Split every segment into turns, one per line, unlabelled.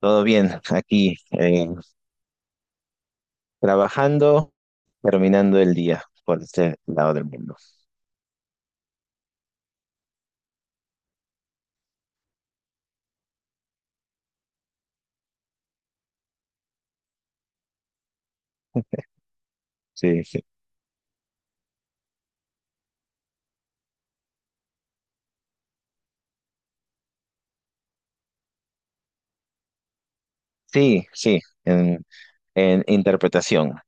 Todo bien, aquí trabajando, terminando el día por este lado del mundo. Sí, sí, sí, sí, en interpretación.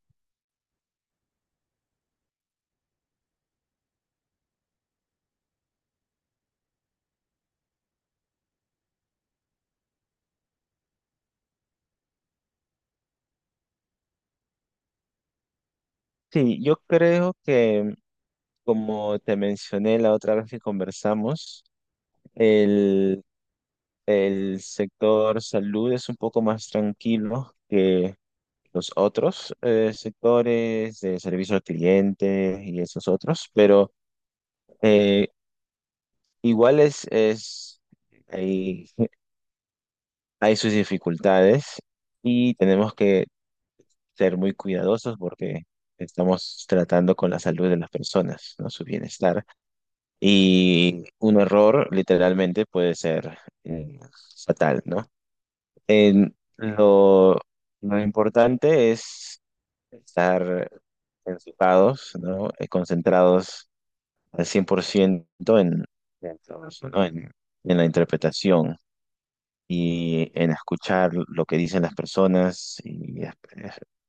Sí, yo creo que, como te mencioné la otra vez que conversamos, el, el sector salud es un poco más tranquilo que los otros sectores de servicio al cliente y esos otros, pero eh, igual es, hay hay sus dificultades y tenemos que ser muy cuidadosos porque estamos tratando con la salud de las personas, ¿no? Su bienestar. Y un error literalmente puede ser eh, fatal, ¿no? En lo importante es estar enfocados, ¿no? Concentrados al 100% en, en todo eso, ¿no? En la interpretación y en escuchar lo que dicen las personas y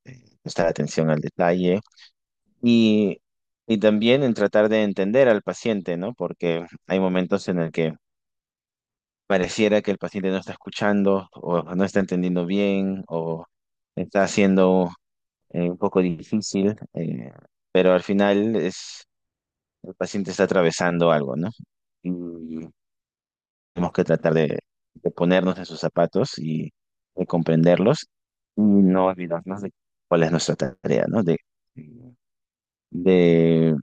prestar atención al detalle y, y también en tratar de entender al paciente, ¿no? Porque hay momentos en el que pareciera que el paciente no está escuchando o no está entendiendo bien o está haciendo un poco difícil, pero al final es el paciente está atravesando algo, ¿no? Y tenemos que tratar de ponernos en sus zapatos y de comprenderlos y no olvidarnos de cuál es nuestra tarea, ¿no? De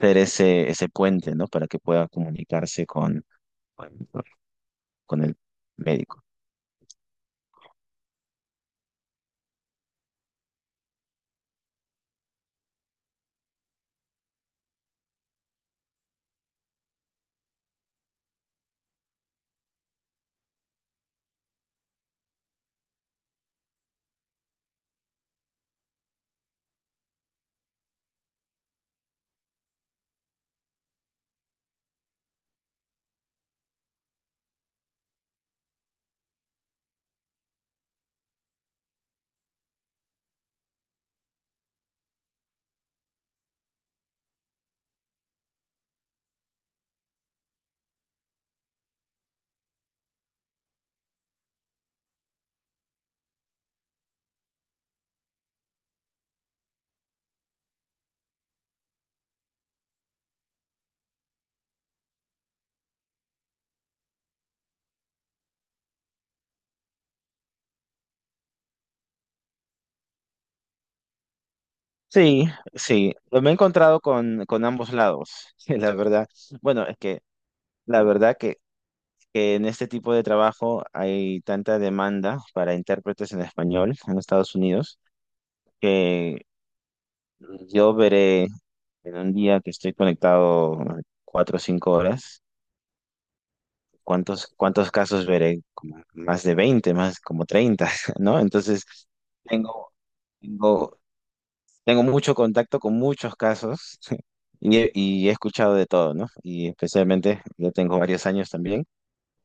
ser ese puente, ¿no? Para que pueda comunicarse con, con el médico. Sí, sí, lo me he encontrado con ambos lados, la verdad. Bueno, es que la verdad que en este tipo de trabajo hay tanta demanda para intérpretes en español en Estados Unidos que yo veré. En un día que estoy conectado cuatro o cinco horas, ¿ cuántos casos veré? Como más de veinte, más como treinta, ¿no? Entonces, tengo, tengo, tengo mucho contacto con muchos casos y he escuchado de todo, ¿no? Y especialmente, yo tengo varios años también.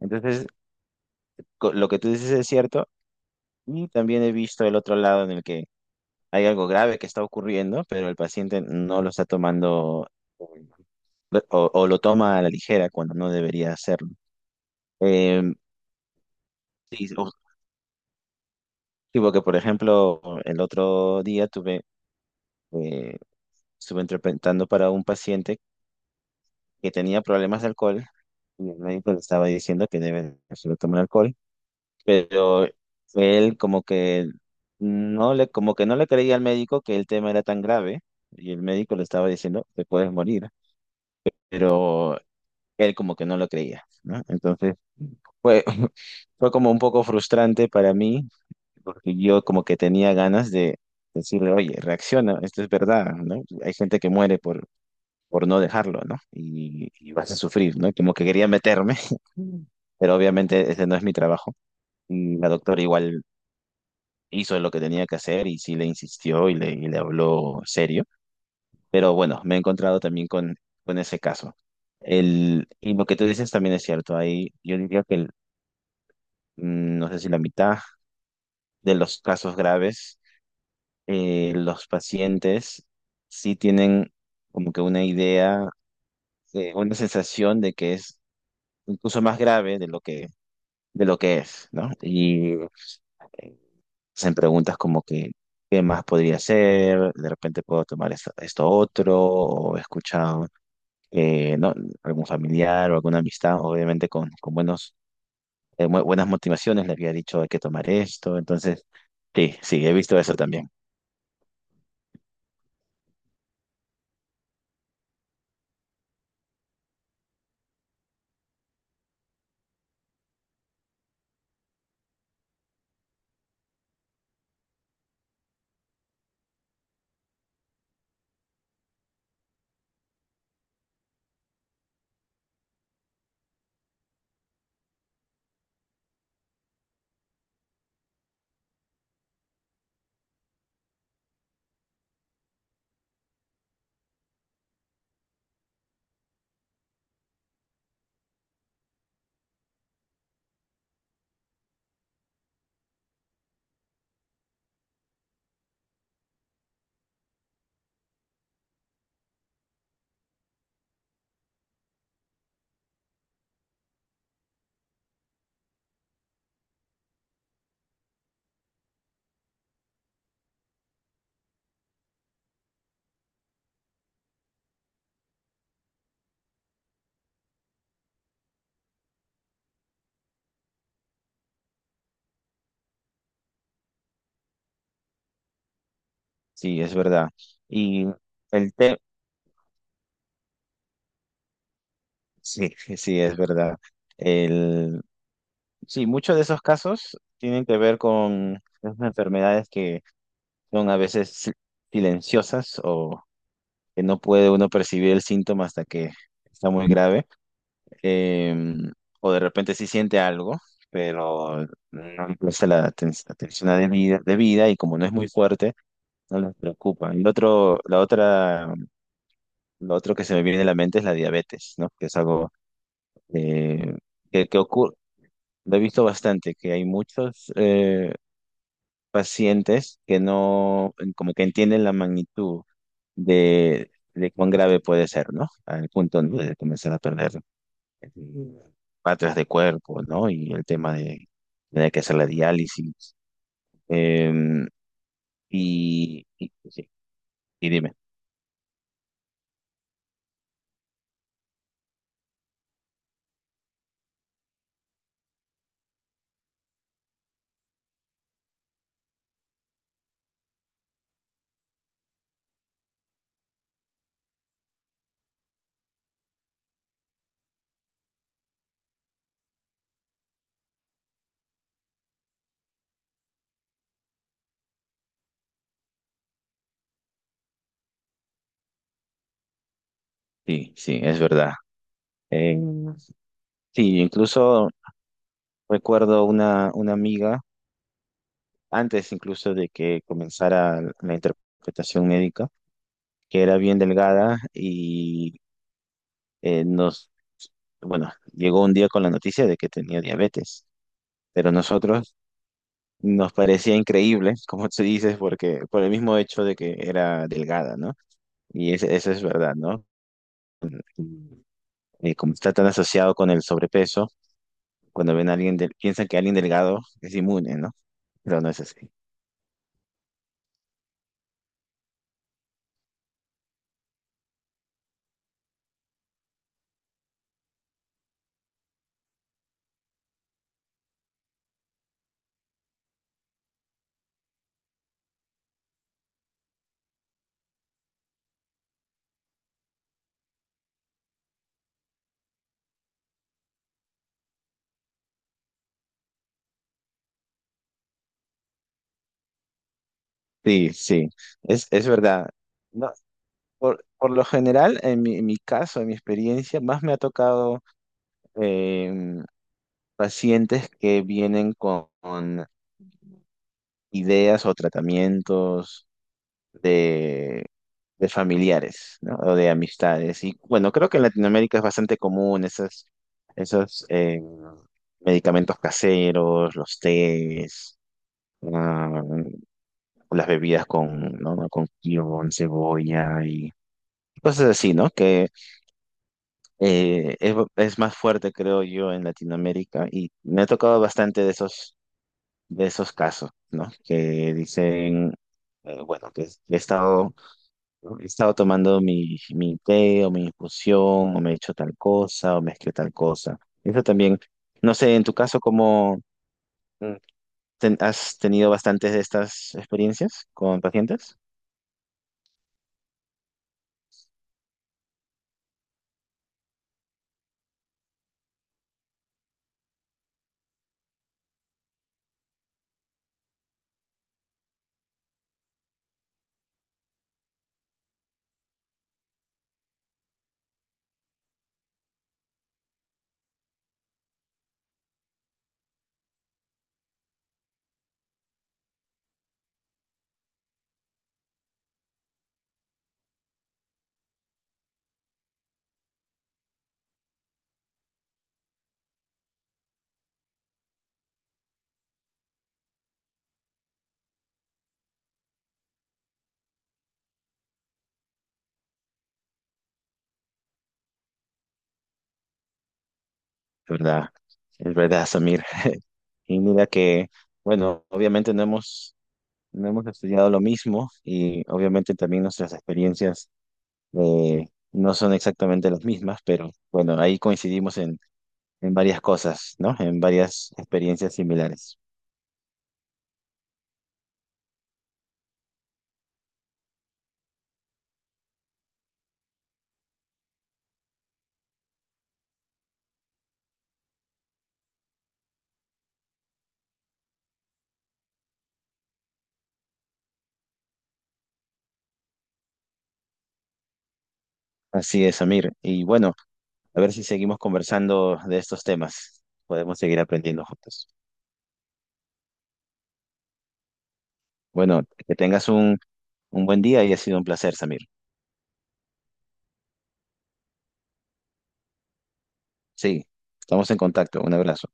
Entonces, lo que tú dices es cierto y también he visto el otro lado en el que hay algo grave que está ocurriendo, pero el paciente no lo está tomando o lo toma a la ligera cuando no debería hacerlo. Em, sí, sí, porque por ejemplo, el otro día tuve, eh, estuve interpretando para un paciente que tenía problemas de alcohol y el médico le estaba diciendo que debe solo tomar alcohol, pero él como que no le, como que no le creía al médico que el tema era tan grave y el médico le estaba diciendo, te puedes morir, pero él como que no lo creía, ¿no? Entonces fue, fue como un poco frustrante para mí porque yo como que tenía ganas de decirle, oye, reacciona, esto es verdad, ¿no? Hay gente que muere por no dejarlo, ¿no? Y vas a sufrir, ¿no? Como que quería meterme, pero obviamente ese no es mi trabajo. Y la doctora igual hizo lo que tenía que hacer y sí le insistió y le habló serio, pero bueno, me he encontrado también con ese caso. El, y lo que tú dices también es cierto, ahí yo diría que no sé si la mitad de los casos graves, los pacientes sí tienen como que una idea, una sensación de que es incluso más grave de lo que es, ¿no? Y eh, hacen preguntas como que, ¿qué más podría hacer? De repente puedo tomar esto, esto otro, o he escuchado, ¿no? Algún familiar o alguna amistad, obviamente con buenos, buenas motivaciones, le había dicho hay que tomar esto, entonces, sí, sí, he visto eso también. Sí, es verdad. Y el tema, sí, sí, es verdad. El, sí, muchos de esos casos tienen que ver con esas enfermedades que son a veces silenciosas o que no puede uno percibir el síntoma hasta que está muy grave. Em, o de repente sí siente algo, pero no le presta la atención debida y como no es muy fuerte. No les preocupa. El otro, la otra, lo otro que se me viene a la mente es la diabetes, ¿no? Que es algo eh, que ocurre, lo he visto bastante, que hay muchos pacientes que no, como que entienden la magnitud de cuán grave puede ser, ¿no? Al punto, ¿no?, de comenzar a perder eh, partes de cuerpo, ¿no? Y el tema de tener que hacer la diálisis. Eh, sí, y dime, sí, sí, es verdad. Eh, Sí, incluso recuerdo una amiga, antes incluso de que comenzara la interpretación médica, que era bien delgada y nos, bueno, llegó un día con la noticia de que tenía diabetes, pero nosotros nos parecía increíble, como tú dices, porque por el mismo hecho de que era delgada, ¿no? Y eso es verdad, ¿no? Como está tan asociado con el sobrepeso, cuando ven a alguien, piensan que alguien delgado es inmune, ¿no? Pero no es así. Sí, sí, es verdad. No, por lo general, en mi caso, en mi experiencia, más me ha tocado em, pacientes que vienen con ideas o tratamientos de, de familiares, ¿no? O de amistades. Y bueno, creo que en Latinoamérica es bastante común esas, esos medicamentos caseros, los tés, ah, las bebidas con, ¿no?, con kion, cebolla y cosas así, ¿no? Que es más fuerte, creo yo, en Latinoamérica y me ha tocado bastante de esos casos, ¿no? Que dicen, bueno, que he estado, he estado tomando mi té o mi infusión o me he hecho tal cosa o mezclé tal cosa. Eso también, no sé, en tu caso, ¿cómo mm, has tenido bastantes de estas experiencias con pacientes? Es verdad, es verdad, Samir. Y mira que, bueno, obviamente no hemos estudiado lo mismo y obviamente también nuestras experiencias eh, no son exactamente las mismas, pero bueno, ahí coincidimos en varias cosas, ¿no? En varias experiencias similares. Así es, Amir. Y bueno, a ver si seguimos conversando de estos temas. Podemos seguir aprendiendo juntos. Bueno, que tengas un buen día y ha sido un placer, Samir. Sí, estamos en contacto. Un abrazo.